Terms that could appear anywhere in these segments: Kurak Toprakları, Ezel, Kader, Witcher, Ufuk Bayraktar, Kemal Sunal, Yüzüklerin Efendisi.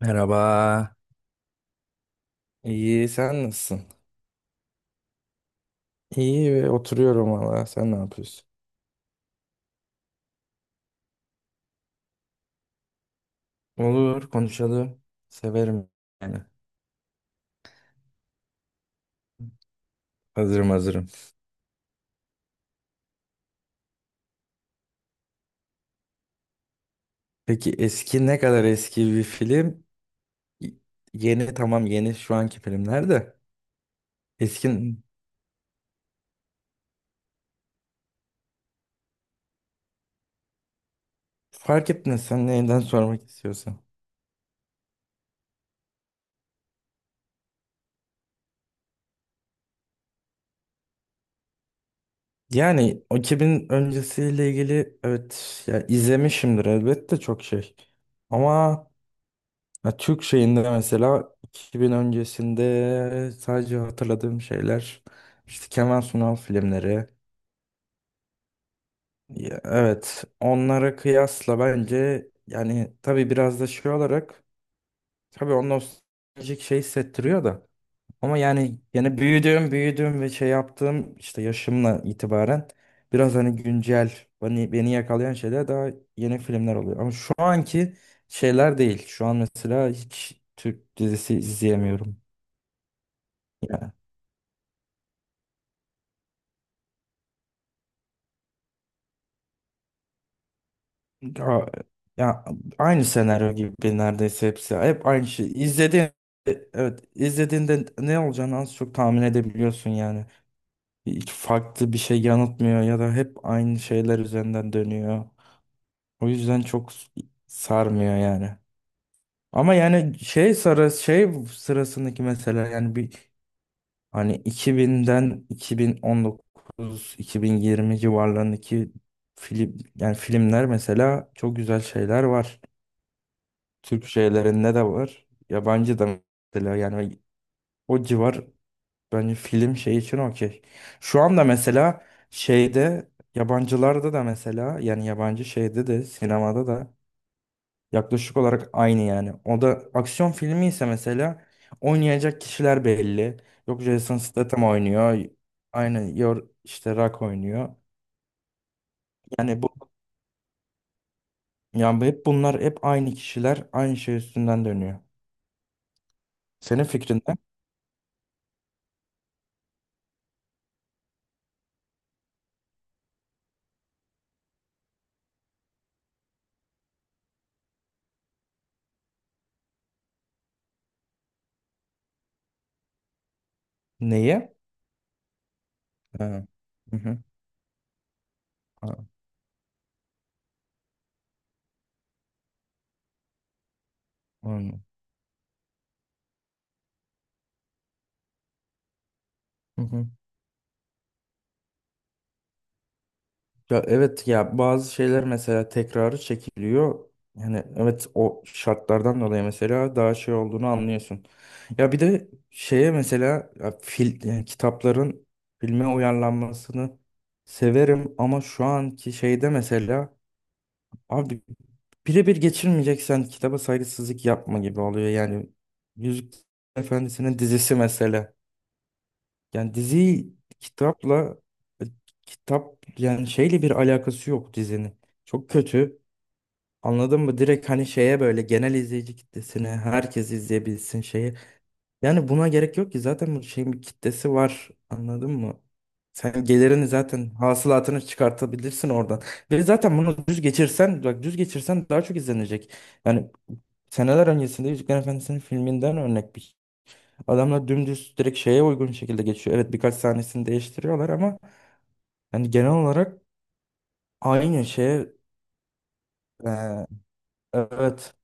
Merhaba. İyi, sen nasılsın? İyi ve oturuyorum valla. Sen ne yapıyorsun? Olur, konuşalım. Severim yani. Hazırım, hazırım. Peki eski ne kadar eski bir film? Y- Yeni, tamam, yeni şu anki filmler de. Eski fark etmez, sen neyden sormak istiyorsan. Yani o 2000 öncesiyle ilgili, evet ya, izlemişimdir elbette çok şey. Ama ya Türk şeyinde mesela 2000 öncesinde sadece hatırladığım şeyler işte Kemal Sunal filmleri. Ya evet, onlara kıyasla bence, yani tabii biraz da şey olarak, tabii o nostaljik şey hissettiriyor da, ama yani büyüdüğüm ve şey yaptığım, işte yaşımla itibaren biraz hani güncel, beni yakalayan şeyler daha yeni filmler oluyor. Ama şu anki şeyler değil. Şu an mesela hiç Türk dizisi izleyemiyorum. Ya, ya, aynı senaryo gibi neredeyse hepsi. Hep aynı şey. Evet, izlediğinde ne olacağını az çok tahmin edebiliyorsun yani. Hiç farklı bir şey yanıtmıyor ya da hep aynı şeyler üzerinden dönüyor. O yüzden çok sarmıyor yani. Ama yani şey sarı şey sırasındaki mesela, yani bir hani 2000'den 2019, 2020 civarlarındaki film, yani filmler mesela çok güzel şeyler var. Türk şeylerinde de var. Yabancı da mesela, yani o civar bence film şey için okey. Şu anda mesela şeyde, yabancılarda da mesela, yani yabancı şeyde de, sinemada da yaklaşık olarak aynı yani. O da aksiyon filmi ise mesela oynayacak kişiler belli. Yok, Jason Statham oynuyor. Aynı yor, işte Rock oynuyor. Yani bu yani hep bunlar, hep aynı kişiler aynı şey üstünden dönüyor. Senin fikrinde neye? Ha. Ha, aynen. Hı hı. Ya evet ya, bazı şeyler mesela tekrarı çekiliyor. Yani evet, o şartlardan dolayı mesela daha şey olduğunu anlıyorsun. Ya bir de şeye mesela ya, yani kitapların filme uyarlanmasını severim, ama şu anki şeyde mesela abi, birebir geçirmeyeceksen kitaba saygısızlık yapma gibi oluyor. Yani Yüzük Efendisi'nin dizisi mesela. Yani diziyi kitapla, e, kitap, yani şeyle bir alakası yok dizinin. Çok kötü. Anladın mı? Direkt hani şeye böyle genel izleyici kitlesine herkes izleyebilsin şeyi. Yani buna gerek yok ki, zaten bu şeyin bir kitlesi var. Anladın mı? Sen gelirini zaten hasılatını çıkartabilirsin oradan. Ve zaten bunu düz geçirsen, bak düz geçirsen daha çok izlenecek. Yani seneler öncesinde Yüzüklerin Efendisi'nin filminden örnek bir, adamlar dümdüz direkt şeye uygun şekilde geçiyor. Evet, birkaç sahnesini değiştiriyorlar ama yani genel olarak aynı şeye, e, evet.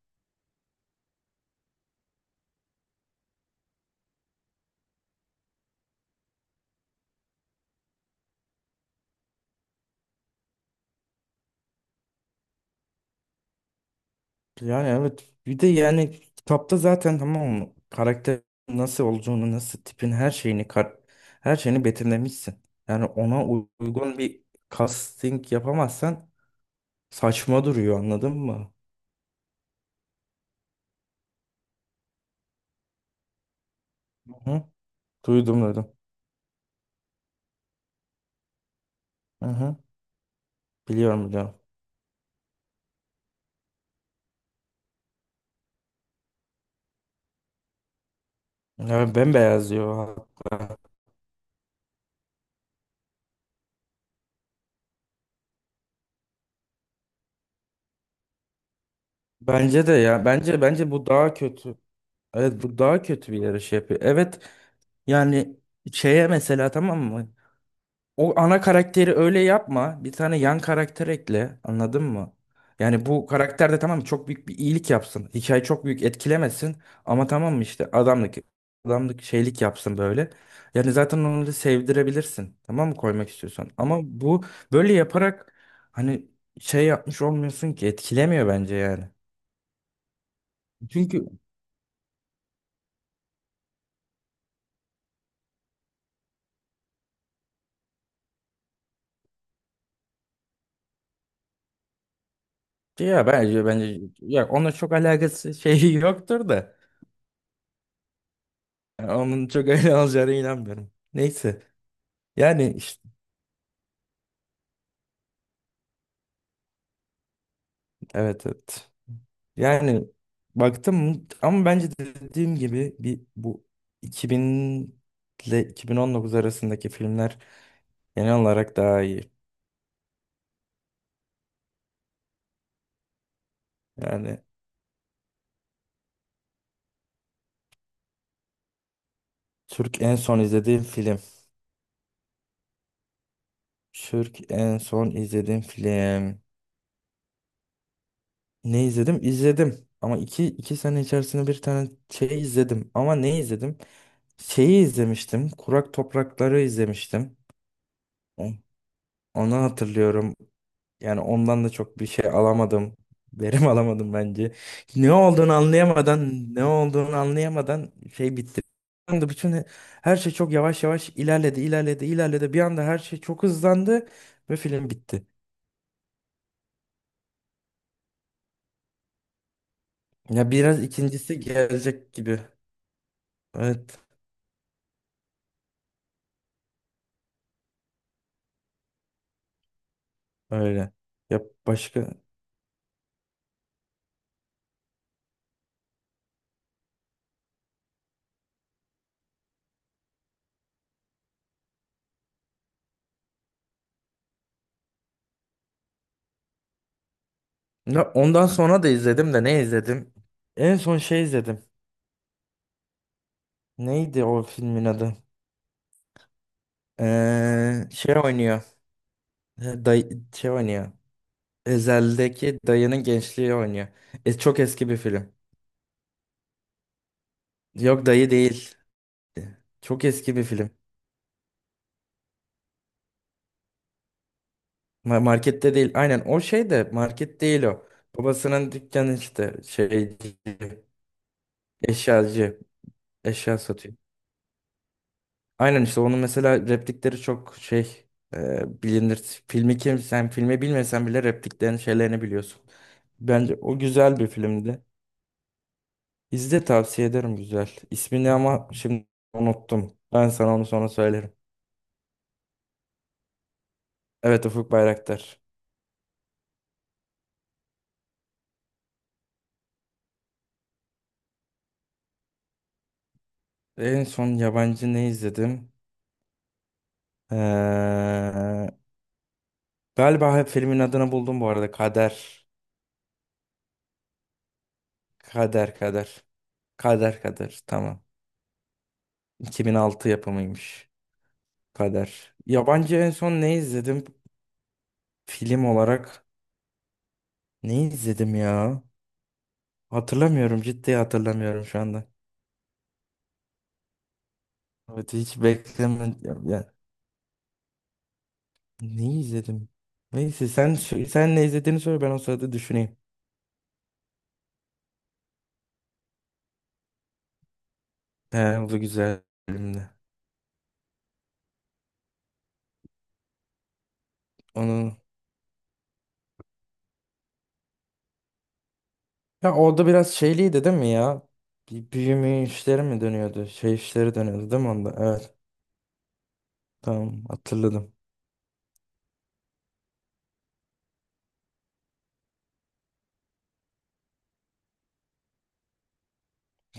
Yani evet, bir de yani kitapta zaten, tamam mı, karakter nasıl olduğunu, nasıl tipin her şeyini her şeyini betimlemişsin. Yani ona uygun bir casting yapamazsan saçma duruyor, anladın mı? Hı hı. Duydum, dedim. Hı hı. Biliyorum, biliyorum. Evet, bembeyaz diyor hatta. Bence de ya. Bence bu daha kötü. Evet, bu daha kötü bir yarış yapıyor. Evet yani şeye mesela, tamam mı? O ana karakteri öyle yapma. Bir tane yan karakter ekle. Anladın mı? Yani bu karakter de, tamam mı, çok büyük bir iyilik yapsın. Hikaye çok büyük etkilemesin. Ama tamam mı işte, adamlık şeylik yapsın böyle. Yani zaten onu da sevdirebilirsin, tamam mı, koymak istiyorsan. Ama bu böyle yaparak hani şey yapmış olmuyorsun ki, etkilemiyor bence yani. Çünkü ya bence ya onunla çok alakası şeyi yoktur da. Yani onun çok öyle olacağına inanmıyorum. Neyse. Yani işte evet, evet. Yani baktım, ama bence dediğim gibi bir bu 2000 ile 2019 arasındaki filmler genel olarak daha iyi. Yani Türk en son izlediğim film. Türk en son izlediğim film. Ne izledim? İzledim. Ama 2 sene içerisinde bir tane şey izledim. Ama ne izledim? Şeyi izlemiştim. Kurak Toprakları izlemiştim. O- Onu hatırlıyorum. Yani ondan da çok bir şey alamadım. Verim alamadım bence. Ne olduğunu anlayamadan, ne olduğunu anlayamadan şey bitti. Bir anda bütün her şey çok yavaş yavaş ilerledi, ilerledi, ilerledi. Bir anda her şey çok hızlandı ve film bitti. Ya biraz ikincisi gelecek gibi. Evet, öyle. Ya başka. Ya ondan sonra da izledim de, ne izledim? En son şey izledim. Neydi o filmin adı? Şey oynuyor. Day şey oynuyor. Ezel'deki dayının gençliği oynuyor. E, çok eski bir film. Yok, dayı değil. Çok eski bir film. Markette değil. Aynen o şey de market değil o. Babasının dükkanı işte şeyci, eşyacı, eşya satıyor. Aynen işte onun mesela replikleri çok şey, bilinir. Filmi kim sen filmi bilmesen bile repliklerin şeylerini biliyorsun. Bence o güzel bir filmdi. İzle, tavsiye ederim, güzel. İsmini ama şimdi unuttum. Ben sana onu sonra söylerim. Evet, Ufuk Bayraktar. En son yabancı ne izledim? Ee, galiba hep filmin adını buldum bu arada. Kader. Kader, Kader. Kader, Kader, tamam. 2006 yapımıymış. Kader. Yabancı en son ne izledim? Film olarak ne izledim ya? Hatırlamıyorum, ciddi hatırlamıyorum şu anda. Evet, hiç beklemedim. Neyi izledim? Neyse, sen ne izlediğini söyle, ben o sırada düşüneyim. He, bu güzel filmdi. Onu, ya orada biraz şeyliydi değil mi ya? Bir büyüme işleri mi dönüyordu? Şey işleri dönüyordu değil mi onda? Evet, tamam, hatırladım.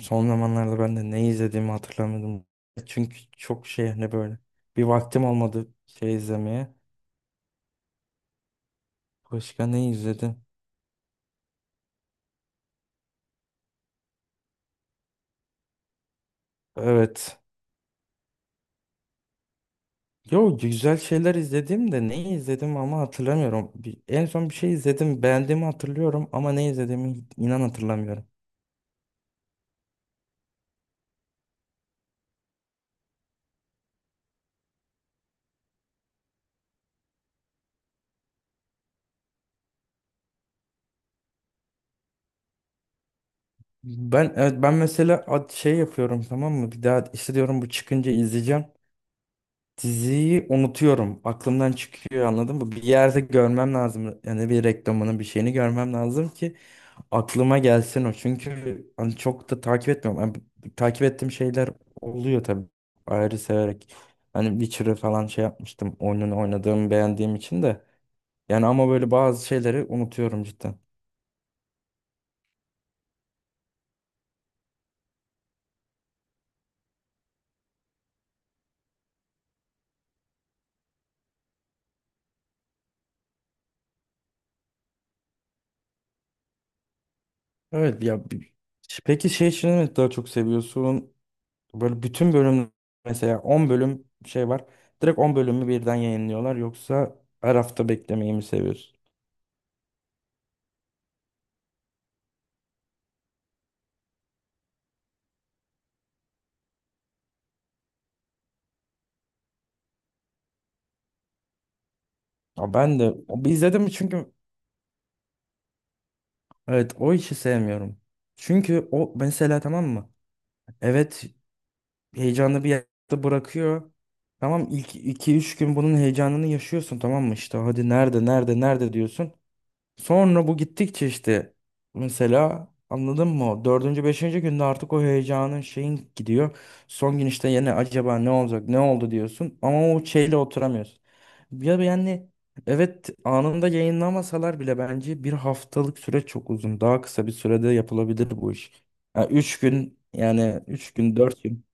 Son zamanlarda ben de ne izlediğimi hatırlamıyordum. Çünkü çok şey hani böyle bir vaktim olmadı şey izlemeye. Başka ne izledim? Evet. Yo, güzel şeyler izledim de neyi izledim ama hatırlamıyorum. En son bir şey izledim, beğendiğimi hatırlıyorum ama ne izlediğimi inan hatırlamıyorum. Ben evet, ben mesela şey yapıyorum, tamam mı? Bir daha işte diyorum, bu çıkınca izleyeceğim. Diziyi unutuyorum. Aklımdan çıkıyor, anladın mı? Bir yerde görmem lazım. Yani bir reklamını, bir şeyini görmem lazım ki aklıma gelsin o. Çünkü hani çok da takip etmiyorum. Hani takip ettiğim şeyler oluyor tabii. Ayrı severek. Hani Witcher'ı falan şey yapmıştım. Oyununu oynadığım, beğendiğim için de. Yani ama böyle bazı şeyleri unutuyorum cidden. Evet ya, peki şey için mi daha çok seviyorsun? Böyle bütün bölüm, mesela 10 bölüm şey var. Direkt 10 bölümü birden yayınlıyorlar. Yoksa her hafta beklemeyi mi seviyorsun? Ya ben de bir izledim, çünkü evet, o işi sevmiyorum. Çünkü o mesela, tamam mı? Evet, heyecanlı bir yerde bırakıyor. Tamam, ilk iki üç gün bunun heyecanını yaşıyorsun, tamam mı? İşte hadi nerede, nerede, nerede diyorsun. Sonra bu gittikçe işte mesela, anladın mı, o dördüncü, beşinci günde artık o heyecanın şeyin gidiyor. Son gün işte yine acaba ne olacak, ne oldu diyorsun. Ama o şeyle oturamıyorsun. Ya yani evet, anında yayınlamasalar bile bence bir haftalık süre çok uzun. Daha kısa bir sürede yapılabilir bu iş. Yani 3 gün, 4 gün.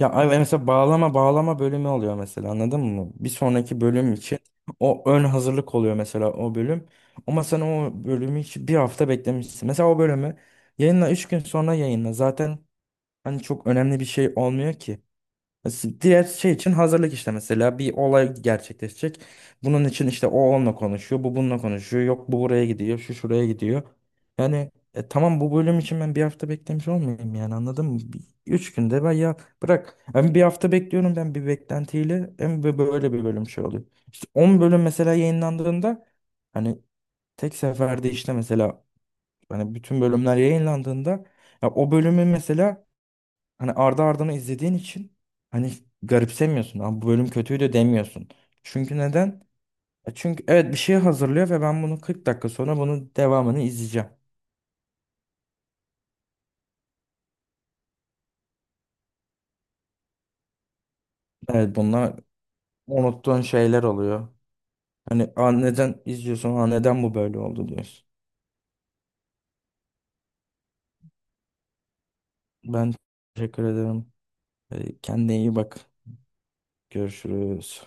Ya mesela bağlama bağlama bölümü oluyor mesela, anladın mı? Bir sonraki bölüm için o ön hazırlık oluyor mesela o bölüm. Ama sen o bölümü hiç bir hafta beklemişsin. Mesela o bölümü yayınla, 3 gün sonra yayınla. Zaten hani çok önemli bir şey olmuyor ki. Diğer şey için hazırlık, işte mesela bir olay gerçekleşecek. Bunun için işte o onunla konuşuyor, bu bununla konuşuyor. Yok bu buraya gidiyor, şu şuraya gidiyor. Yani tamam, bu bölüm için ben bir hafta beklemiş olmayayım yani, anladın mı? 3 günde ben ya bırak. Hem bir hafta bekliyorum ben bir beklentiyle, hem böyle bir bölüm şey oluyor. İşte 10 bölüm mesela yayınlandığında, hani tek seferde işte mesela hani bütün bölümler yayınlandığında, ya o bölümü mesela hani ardı ardına izlediğin için hani garipsemiyorsun. Abi bu bölüm kötüydü demiyorsun. Çünkü neden? E, çünkü evet bir şey hazırlıyor ve ben bunu 40 dakika sonra bunun devamını izleyeceğim. Evet, bunlar unuttuğun şeyler oluyor. Hani, "Aa, neden izliyorsun? Aa, neden bu böyle oldu," diyorsun. Ben teşekkür ederim. E, kendine iyi bak. Görüşürüz.